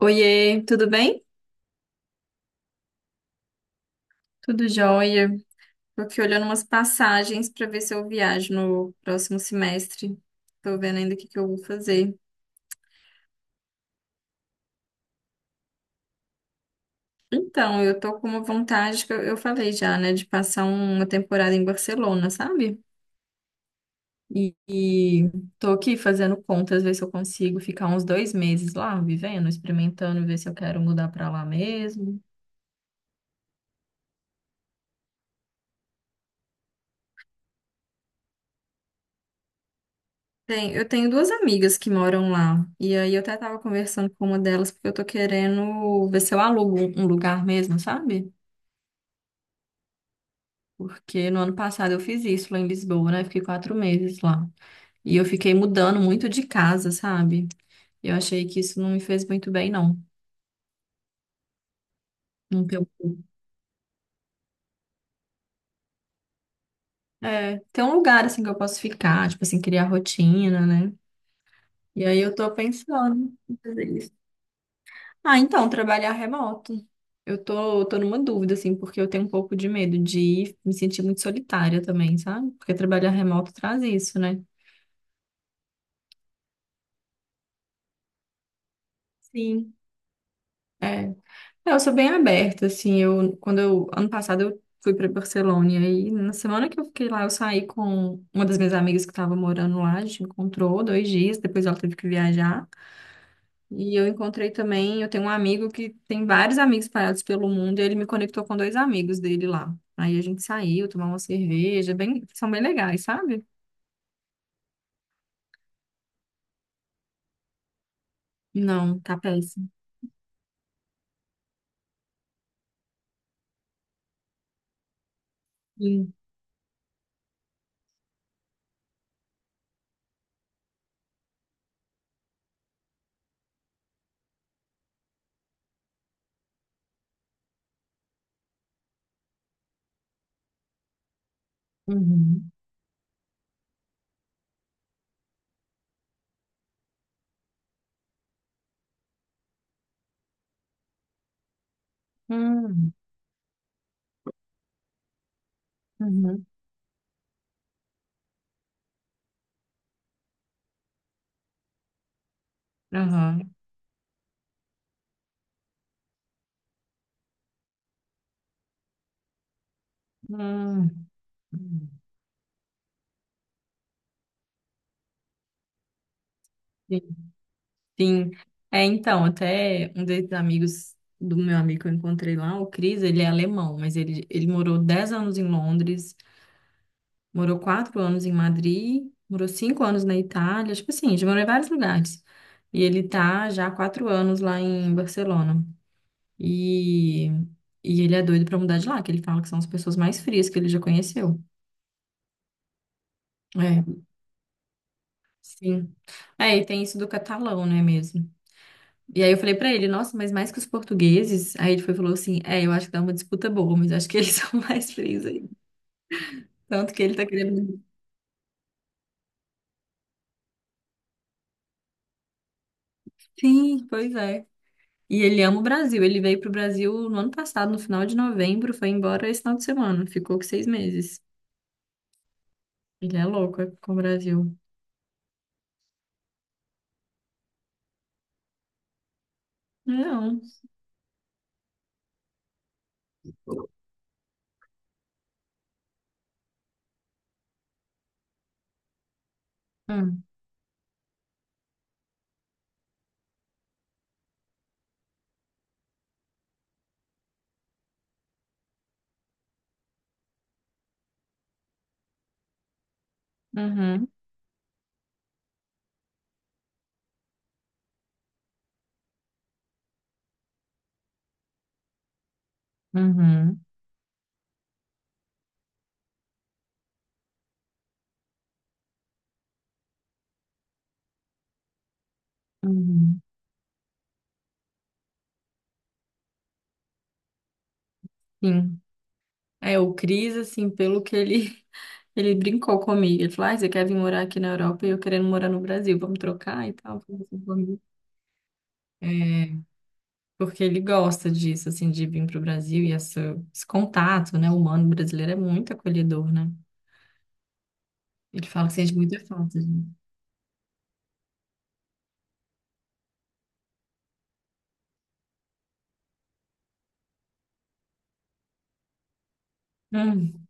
Oiê, tudo bem? Tudo jóia. Tô aqui olhando umas passagens para ver se eu viajo no próximo semestre. Tô vendo ainda o que que eu vou fazer. Então, eu tô com uma vontade que eu falei já, né, de passar uma temporada em Barcelona, sabe? E tô aqui fazendo contas, ver se eu consigo ficar uns 2 meses lá, vivendo, experimentando, ver se eu quero mudar para lá mesmo. Tem, eu tenho duas amigas que moram lá. E aí eu até tava conversando com uma delas porque eu tô querendo ver se eu alugo um lugar mesmo, sabe? Porque no ano passado eu fiz isso lá em Lisboa, né? Fiquei 4 meses lá. E eu fiquei mudando muito de casa, sabe? Eu achei que isso não me fez muito bem, não. Não ter, é, ter um lugar assim que eu posso ficar, tipo assim, criar rotina, né? E aí eu tô pensando em fazer isso. Ah, então, trabalhar remoto. Eu tô numa dúvida, assim, porque eu tenho um pouco de medo de ir, me sentir muito solitária também, sabe? Porque trabalhar remoto traz isso, né? Sim. É. É, eu sou bem aberta, assim, ano passado eu fui para Barcelona, e aí, na semana que eu fiquei lá, eu saí com uma das minhas amigas que estava morando lá, a gente encontrou 2 dias, depois ela teve que viajar. E eu encontrei também, eu tenho um amigo que tem vários amigos espalhados pelo mundo, e ele me conectou com dois amigos dele lá. Aí a gente saiu, tomou uma cerveja, bem, são bem legais, sabe? Não, tá péssimo. Sim. Uhum. Hum. Uhum. Aham. Hum. Hum. Sim. É, então, até um desses amigos do meu amigo que eu encontrei lá, o Cris, ele é alemão, mas ele morou 10 anos em Londres. Morou 4 anos em Madrid, morou 5 anos na Itália, tipo assim, já morou em vários lugares. E ele tá já há 4 anos lá em Barcelona. E, e ele é doido pra mudar de lá, que ele fala que são as pessoas mais frias que ele já conheceu. É, sim. É, e tem isso do catalão, né, mesmo. E aí eu falei pra ele, nossa, mas mais que os portugueses? Aí ele foi e falou assim, é, eu acho que dá uma disputa boa, mas acho que eles são mais frios aí. Tanto que ele tá querendo... Sim, pois é. E ele ama o Brasil. Ele veio pro Brasil no ano passado, no final de novembro, foi embora esse final de semana. Ficou com 6 meses. Ele é louco com o Brasil. Não. Hum. Uhum. Uhum. Uhum. Sim. É, o Cris, assim, pelo que ele, ele brincou comigo. Ele falou, ah, você quer vir morar aqui na Europa e eu querendo morar no Brasil. Vamos trocar e tal. Eu falei assim, "Vamos." É, porque ele gosta disso, assim, de vir pro Brasil e essa, esse contato, né? O humano brasileiro é muito acolhedor, né? Ele fala que sente muita falta. Hum,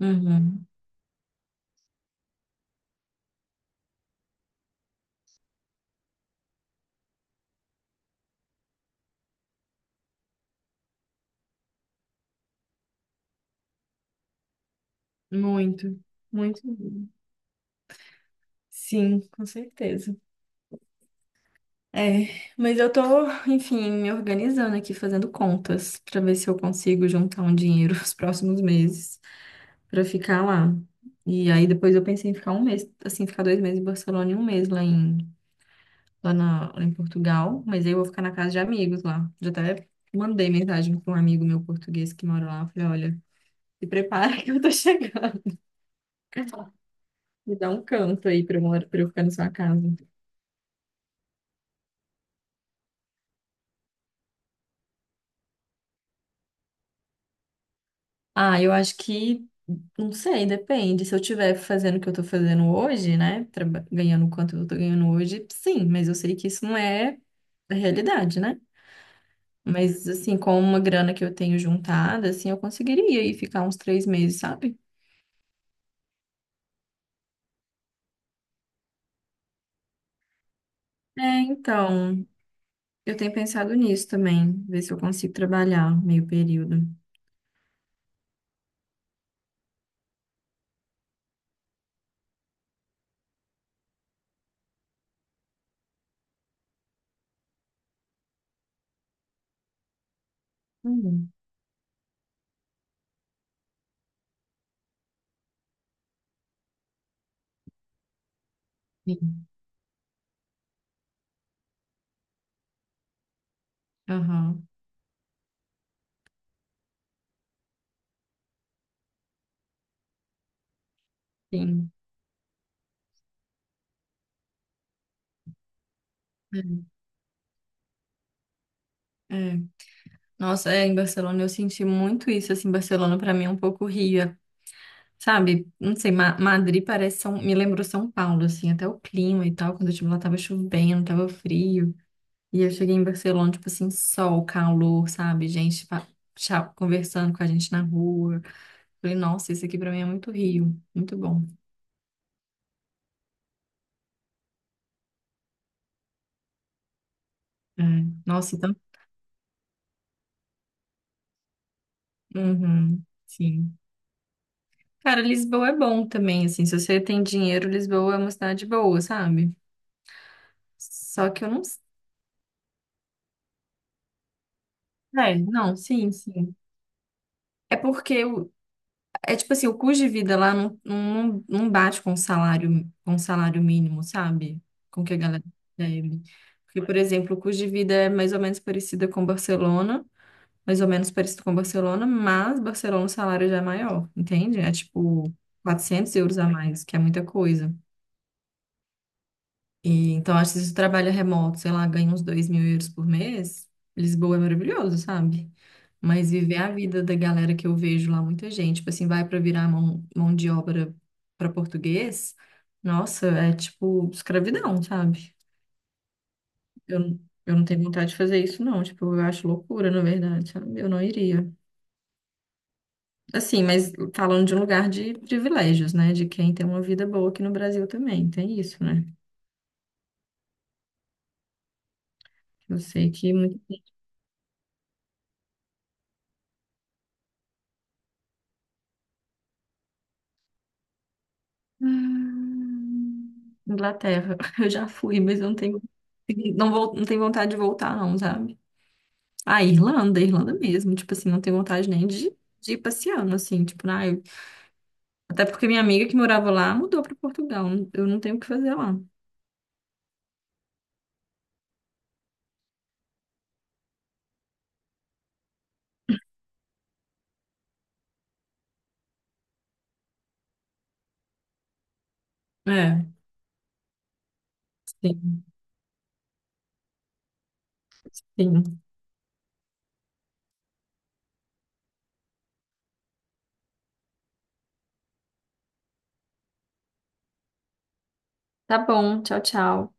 uhum. Muito, muito. Sim, com certeza. É, mas eu tô, enfim, me organizando aqui, fazendo contas, pra ver se eu consigo juntar um dinheiro os próximos meses pra ficar lá. E aí depois eu pensei em ficar um mês, assim, ficar 2 meses em Barcelona e um mês lá em, lá em Portugal, mas aí eu vou ficar na casa de amigos lá. Já até mandei mensagem pra um amigo meu português que mora lá, falei, olha, se prepara que eu tô chegando. Me dá um canto aí pra eu, mor- pra eu ficar na sua casa. Ah, eu acho que, não sei, depende. Se eu estiver fazendo o que eu tô fazendo hoje, né? Ganhando o quanto eu tô ganhando hoje, sim, mas eu sei que isso não é a realidade, né? Mas, assim, com uma grana que eu tenho juntada, assim, eu conseguiria ir ficar uns 3 meses, sabe? É, então, eu tenho pensado nisso também, ver se eu consigo trabalhar meio período. Uhum. Sim. Aham, sim. É. É. Nossa, é, em Barcelona eu senti muito isso, assim, Barcelona pra mim é um pouco Rio, sabe? Não sei, Madrid parece São, me lembrou São Paulo, assim, até o clima e tal, quando eu estive lá tava chovendo, tava frio, e eu cheguei em Barcelona, tipo assim, sol, calor, sabe? Gente conversando com a gente na rua, falei, nossa, isso aqui pra mim é muito Rio, muito bom. É, nossa, então, uhum, sim. Cara, Lisboa é bom também, assim, se você tem dinheiro, Lisboa é uma cidade boa, sabe? Só que eu não. É, não, sim, sim. É porque é tipo assim, o custo de vida lá não, não, não bate com o salário mínimo, sabe? Com que a galera recebe. Porque, por exemplo, o custo de vida é mais ou menos parecida com Barcelona, mais ou menos parecido com Barcelona, mas Barcelona o salário já é maior, entende? É tipo 400 euros a mais, que é muita coisa. E, então, acho que se você trabalha remoto, sei lá, ganha uns 2 mil euros por mês, Lisboa é maravilhoso, sabe? Mas viver a vida da galera que eu vejo lá, muita gente, tipo assim, vai para virar mão de obra para português, nossa, é tipo escravidão, sabe? Eu, eu não tenho vontade de fazer isso, não. Tipo, eu acho loucura, na verdade, sabe? Eu não iria. Assim, mas falando de um lugar de privilégios, né? De quem tem uma vida boa aqui no Brasil também, tem isso, né? Eu sei que. Inglaterra. Eu já fui, mas eu não tenho, não vou, não tenho vontade de voltar, não, sabe? Ah, Irlanda, Irlanda mesmo. Tipo assim, não tenho vontade nem de, de ir passeando, assim. Tipo, ah, até porque minha amiga que morava lá mudou para Portugal. Eu não tenho o que fazer lá. É, sim, sim. Tá bom, tchau, tchau.